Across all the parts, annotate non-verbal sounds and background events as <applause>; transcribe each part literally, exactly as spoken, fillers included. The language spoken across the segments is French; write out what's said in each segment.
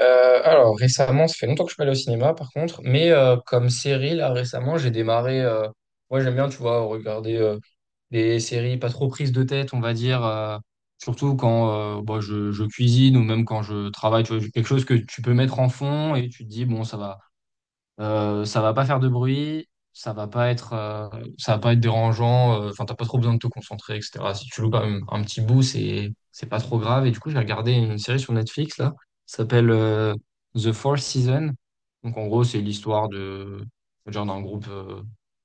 Euh, alors récemment, ça fait longtemps que je suis pas allé au cinéma par contre, mais euh, comme série là récemment, j'ai démarré. euh, Moi j'aime bien, tu vois, regarder euh, des séries pas trop prises de tête, on va dire. Euh, surtout quand euh, bah, je, je cuisine ou même quand je travaille, tu vois, quelque chose que tu peux mettre en fond et tu te dis bon ça va. Euh, ça va pas faire de bruit, ça va pas être, euh, ça va pas être dérangeant. euh, Enfin, t'as pas trop besoin de te concentrer, et cetera. Si tu loupes un, un petit bout, c'est c'est pas trop grave. Et du coup, j'ai regardé une série sur Netflix là, ça s'appelle euh, The Fourth Season. Donc en gros, c'est l'histoire de genre d'un groupe euh,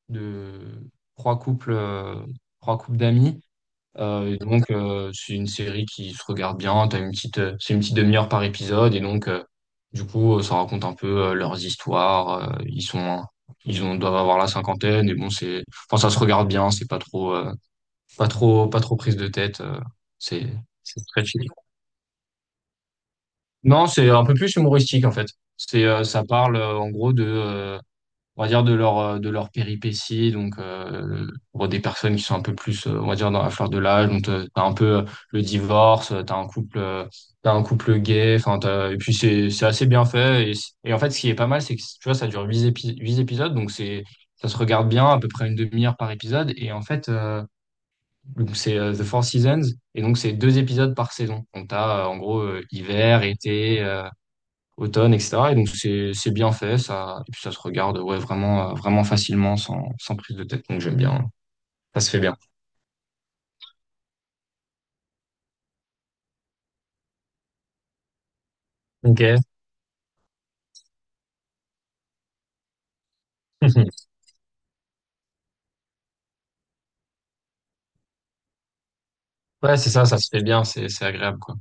de trois couples, euh, trois couples d'amis euh, et donc, euh, c'est une série qui se regarde bien. T'as une petite, euh, c'est une petite demi-heure par épisode. Et donc, euh, du coup, euh, ça raconte un peu euh, leurs histoires. Euh, ils sont, ils ont, doivent avoir la cinquantaine. Et bon, c'est, enfin, ça se regarde bien. C'est pas trop, euh, pas trop, pas trop prise de tête. euh, c'est, c'est très chill. Non, c'est un peu plus humoristique en fait. C'est, euh, ça parle euh, en gros de, euh, on va dire, de leur, euh, de leur péripéties. Donc, euh, pour des personnes qui sont un peu plus, euh, on va dire, dans la fleur de l'âge. Donc, euh, t'as un peu euh, le divorce, euh, t'as un couple, euh, t'as un couple gay. Enfin, t'as- et puis, c'est, c'est assez bien fait. Et, c- et en fait, ce qui est pas mal, c'est que, tu vois, ça dure huit épi- huit épisodes. Donc, c'est, ça se regarde bien, à peu près une demi-heure par épisode. Et en fait, euh, donc, c'est euh, The Four Seasons. Et donc, c'est deux épisodes par saison. Donc, t'as, euh, en gros, euh, hiver, été, euh, automne, et cetera. Et donc c'est c'est bien fait, ça, et puis ça se regarde ouais, vraiment, euh, vraiment facilement, sans, sans prise de tête. Donc j'aime bien. Ça se fait bien. Ok. <laughs> Ouais, c'est ça, ça se fait bien, c'est c'est agréable, quoi.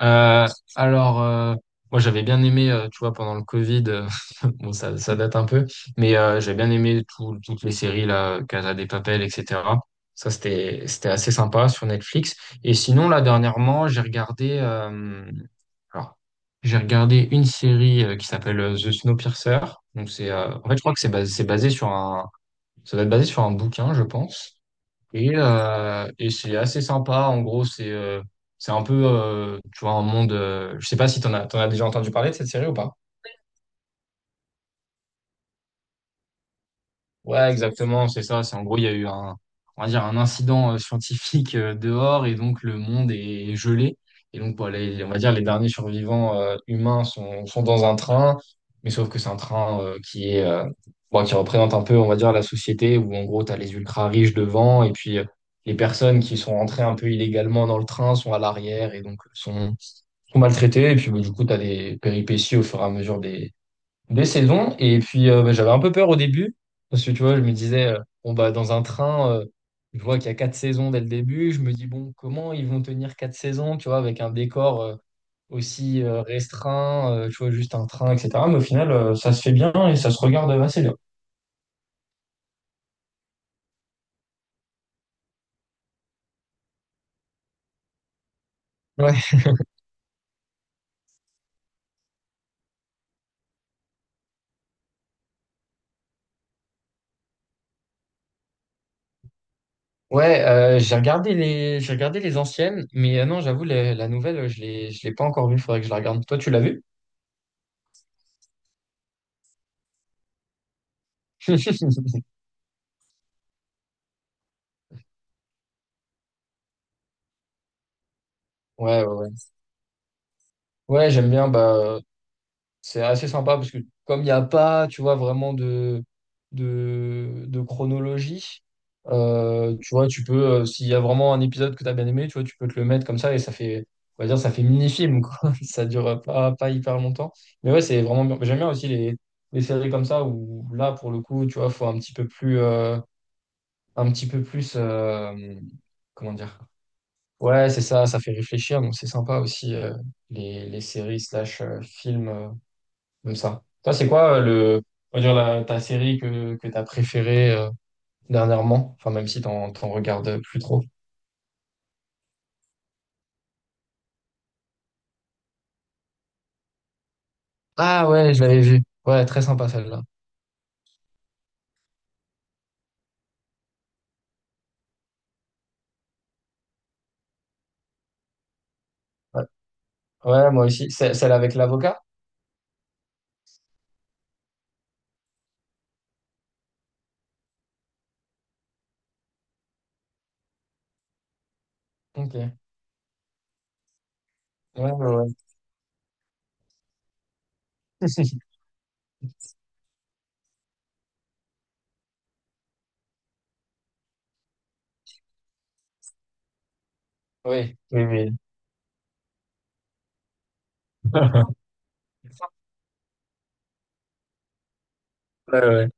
Euh, alors, euh, moi j'avais bien aimé, euh, tu vois, pendant le Covid, euh, <laughs> bon ça, ça date un peu, mais euh, j'avais bien aimé tout- toutes les séries là, Casa des Papel, et cetera. Ça c'était c'était assez sympa sur Netflix. Et sinon là dernièrement j'ai regardé, euh, alors j'ai regardé une série euh, qui s'appelle euh, The Snowpiercer. Donc c'est, euh, en fait je crois que c'est basé, c'est basé sur un, ça doit être basé sur un bouquin, je pense. Et, euh, et c'est assez sympa. En gros, c'est euh, c'est un peu, euh, tu vois, un monde. Euh, je sais pas si t'en as, t'en as déjà entendu parler de cette série ou pas. Ouais, exactement, c'est ça. C'est en gros, il y a eu un, on va dire, un incident euh, scientifique euh, dehors et donc le monde est gelé. Et donc, bah, les- on va dire, les derniers survivants euh, humains sont, sont dans un train, mais sauf que c'est un train euh, qui est, euh, bon, qui représente un peu, on va dire, la société où en gros, tu as les ultra riches devant et puis euh, les personnes qui sont rentrées un peu illégalement dans le train sont à l'arrière et donc sont, sont maltraitées. Et puis, bah, du coup, tu as des péripéties au fur et à mesure deux saisons. Et puis, euh, bah, j'avais un peu peur au début. Parce que, tu vois, je me disais, euh, bon, bah, dans un train, euh, je vois qu'il y a quatre saisons dès le début. Je me dis, bon, comment ils vont tenir quatre saisons, tu vois, avec un décor euh, aussi euh, restreint, euh, tu vois, juste un train, et cetera. Mais au final, euh, ça se fait bien et ça se regarde assez bien. Ouais, ouais, euh, j'ai regardé les, j'ai regardé les anciennes, mais euh, non, j'avoue, la, la nouvelle, je l'ai, je l'ai pas encore vue. Faudrait que je la regarde. Toi, tu l'as vue? <laughs> Ouais, ouais, ouais. Ouais, j'aime bien. Bah, c'est assez sympa parce que comme il n'y a pas, tu vois, vraiment de, de, de chronologie, euh, tu vois, tu peux, euh, s'il y a vraiment un épisode que tu as bien aimé, tu vois, tu peux te le mettre comme ça et ça fait, on va dire, ça fait mini-film, quoi. <laughs> Ça dure pas, pas hyper longtemps. Mais ouais, c'est vraiment bien. J'aime bien aussi les, les séries comme ça où là, pour le coup, tu vois, faut un petit peu plus, euh, un petit peu plus, euh, comment dire? Ouais, c'est ça, ça fait réfléchir, donc c'est sympa aussi, euh, les, les séries slash euh, films. Euh, comme ça. Toi, c'est quoi euh, le, on va dire la, ta série que, que t'as préférée euh, dernièrement? Enfin, même si t'en, t'en regardes plus trop. Ah ouais, je l'avais vue. Ouais, très sympa celle-là. Ouais, ouais, moi aussi. C'est- Celle avec l'avocat? Ok. Ouais, ouais. Ouais. <laughs> Oui, oui, oui. Ouais, ouais.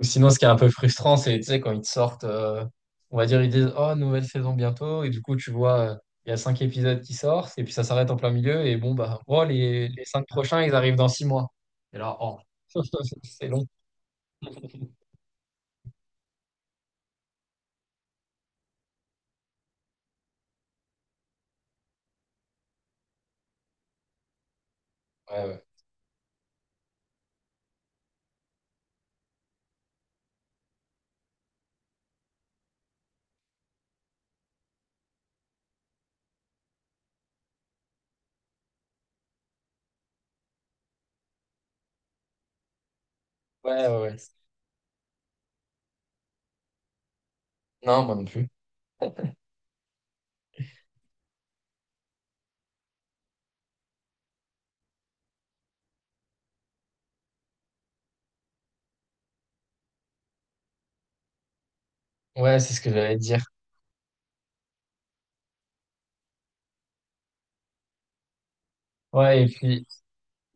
Ou sinon, ce qui est un peu frustrant, c'est, tu sais, quand ils te sortent, euh, on va dire, ils disent, oh, nouvelle saison bientôt, et du coup, tu vois, euh, il y a cinq épisodes qui sortent, et puis ça s'arrête en plein milieu, et bon, bah, oh, les, les cinq prochains, ils arrivent dans six mois. Et là, oh, <laughs> c'est long. Ouais, ouais. Ouais, ouais, ouais. Non, moi non plus. Ouais, c'est ce que j'allais dire. Ouais, et puis,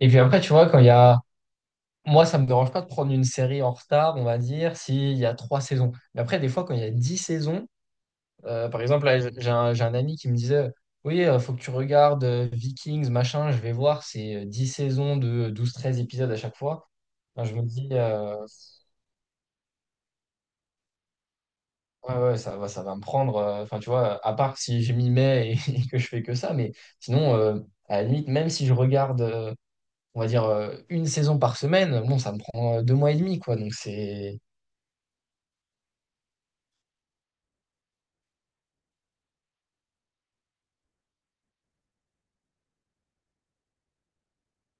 et puis après, tu vois, quand il y a. Moi, ça me dérange pas de prendre une série en retard, on va dire, s'il y a trois saisons. Mais après, des fois, quand il y a dix saisons, Euh, par exemple, là, j'ai un, j'ai un ami qui me disait, oui, il faut que tu regardes euh, Vikings, machin, je vais voir, c'est euh, dix saisons de euh, douze, treize épisodes à chaque fois. Enfin, je me dis, euh, ouais, ouais, ça va, ça va me prendre. euh, Enfin, tu vois, à part si je m'y mets et, <laughs> et que je fais que ça, mais sinon, euh, à la limite, même si je regarde, euh, on va dire, euh, une saison par semaine, bon, ça me prend euh, deux mois et demi, quoi. Donc, c'est.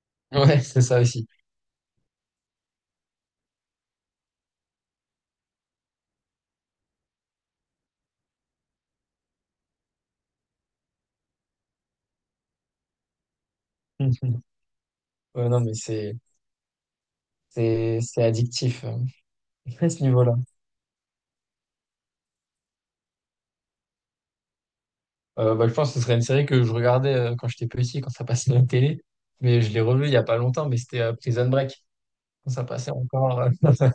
<laughs> Ouais, c'est ça aussi. <laughs> Ouais, non, mais c'est c'est- c'est addictif euh, <laughs> à ce niveau-là. Euh, bah, je pense que ce serait une série que je regardais euh, quand j'étais petit, quand ça passait à la télé. Mais je l'ai revue il y a pas longtemps, mais c'était euh, Prison Break, quand ça passait encore. euh. <laughs>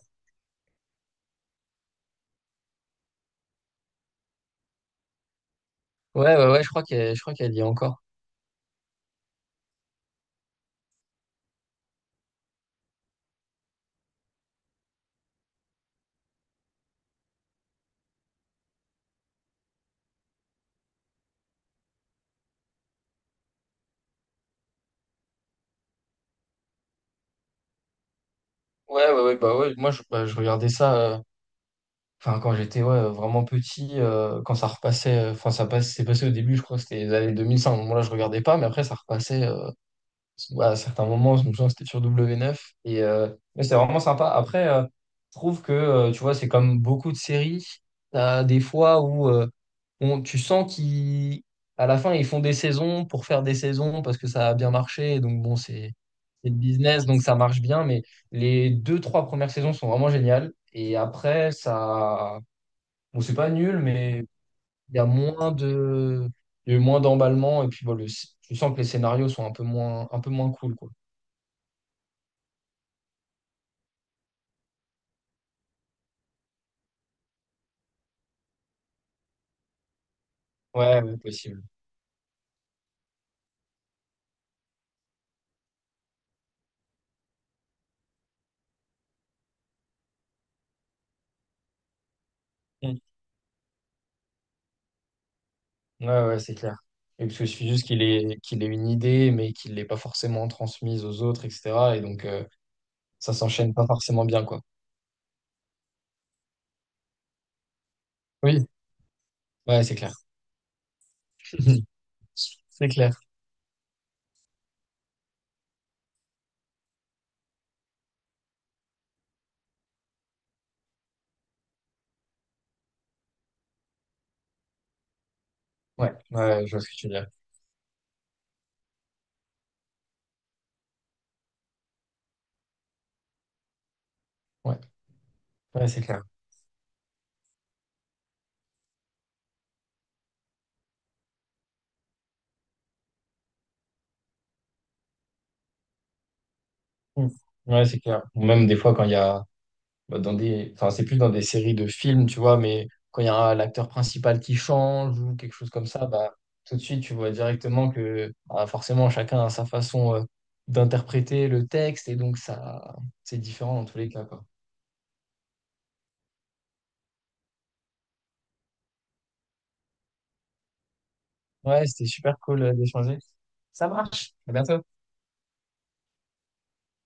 Ouais, ouais, ouais, je crois qu'elle, je crois qu'elle y est encore. Ouais, ouais, ouais, bah ouais, moi je, bah, je regardais ça, euh, enfin quand j'étais ouais, vraiment petit, euh, quand ça repassait, euh, enfin ça passe, c'est passé au début, je crois que c'était les années deux mille cinq. Moi là je regardais pas, mais après ça repassait. Euh, bah, à certains moments, je me souviens que c'était sur double vé neuf. Et, euh, mais c'est vraiment sympa. Après, euh, je trouve que, euh, tu vois, c'est comme beaucoup de séries. T'as des fois où euh, on- tu sens qu'ils, à la fin, ils font des saisons pour faire des saisons parce que ça a bien marché. Et donc, bon, c'est c'est le business, donc ça marche bien. Mais les deux, trois premières saisons sont vraiment géniales. Et après, ça. Bon, c'est pas nul, mais il y a moins de. Il y a eu moins d'emballement. Et puis, bon, le- tu sens que les scénarios sont un peu moins, un peu moins cool, quoi. Ouais, ouais, possible. Mm. Ouais, ouais, c'est clair. Et parce que je suis juste qu'il ait, qu'il ait une idée, mais qu'il l'ait pas forcément transmise aux autres, et cetera. Et donc, euh, ça s'enchaîne pas forcément bien, quoi. Oui, ouais, c'est clair. <laughs> C'est clair. Ouais, ouais, je vois ce que tu veux dire. Ouais, ouais, c'est clair. Mm. Ouais, c'est clair. Ou même des fois, quand il y a bah, dans des, enfin, c'est plus dans des séries de films, tu vois, mais quand il y a l'acteur principal qui change ou quelque chose comme ça, bah, tout de suite, tu vois directement que bah, forcément, chacun a sa façon euh, d'interpréter le texte et donc ça, c'est différent dans tous les cas, quoi. Ouais, c'était super cool euh, d'échanger. Ça marche. À bientôt.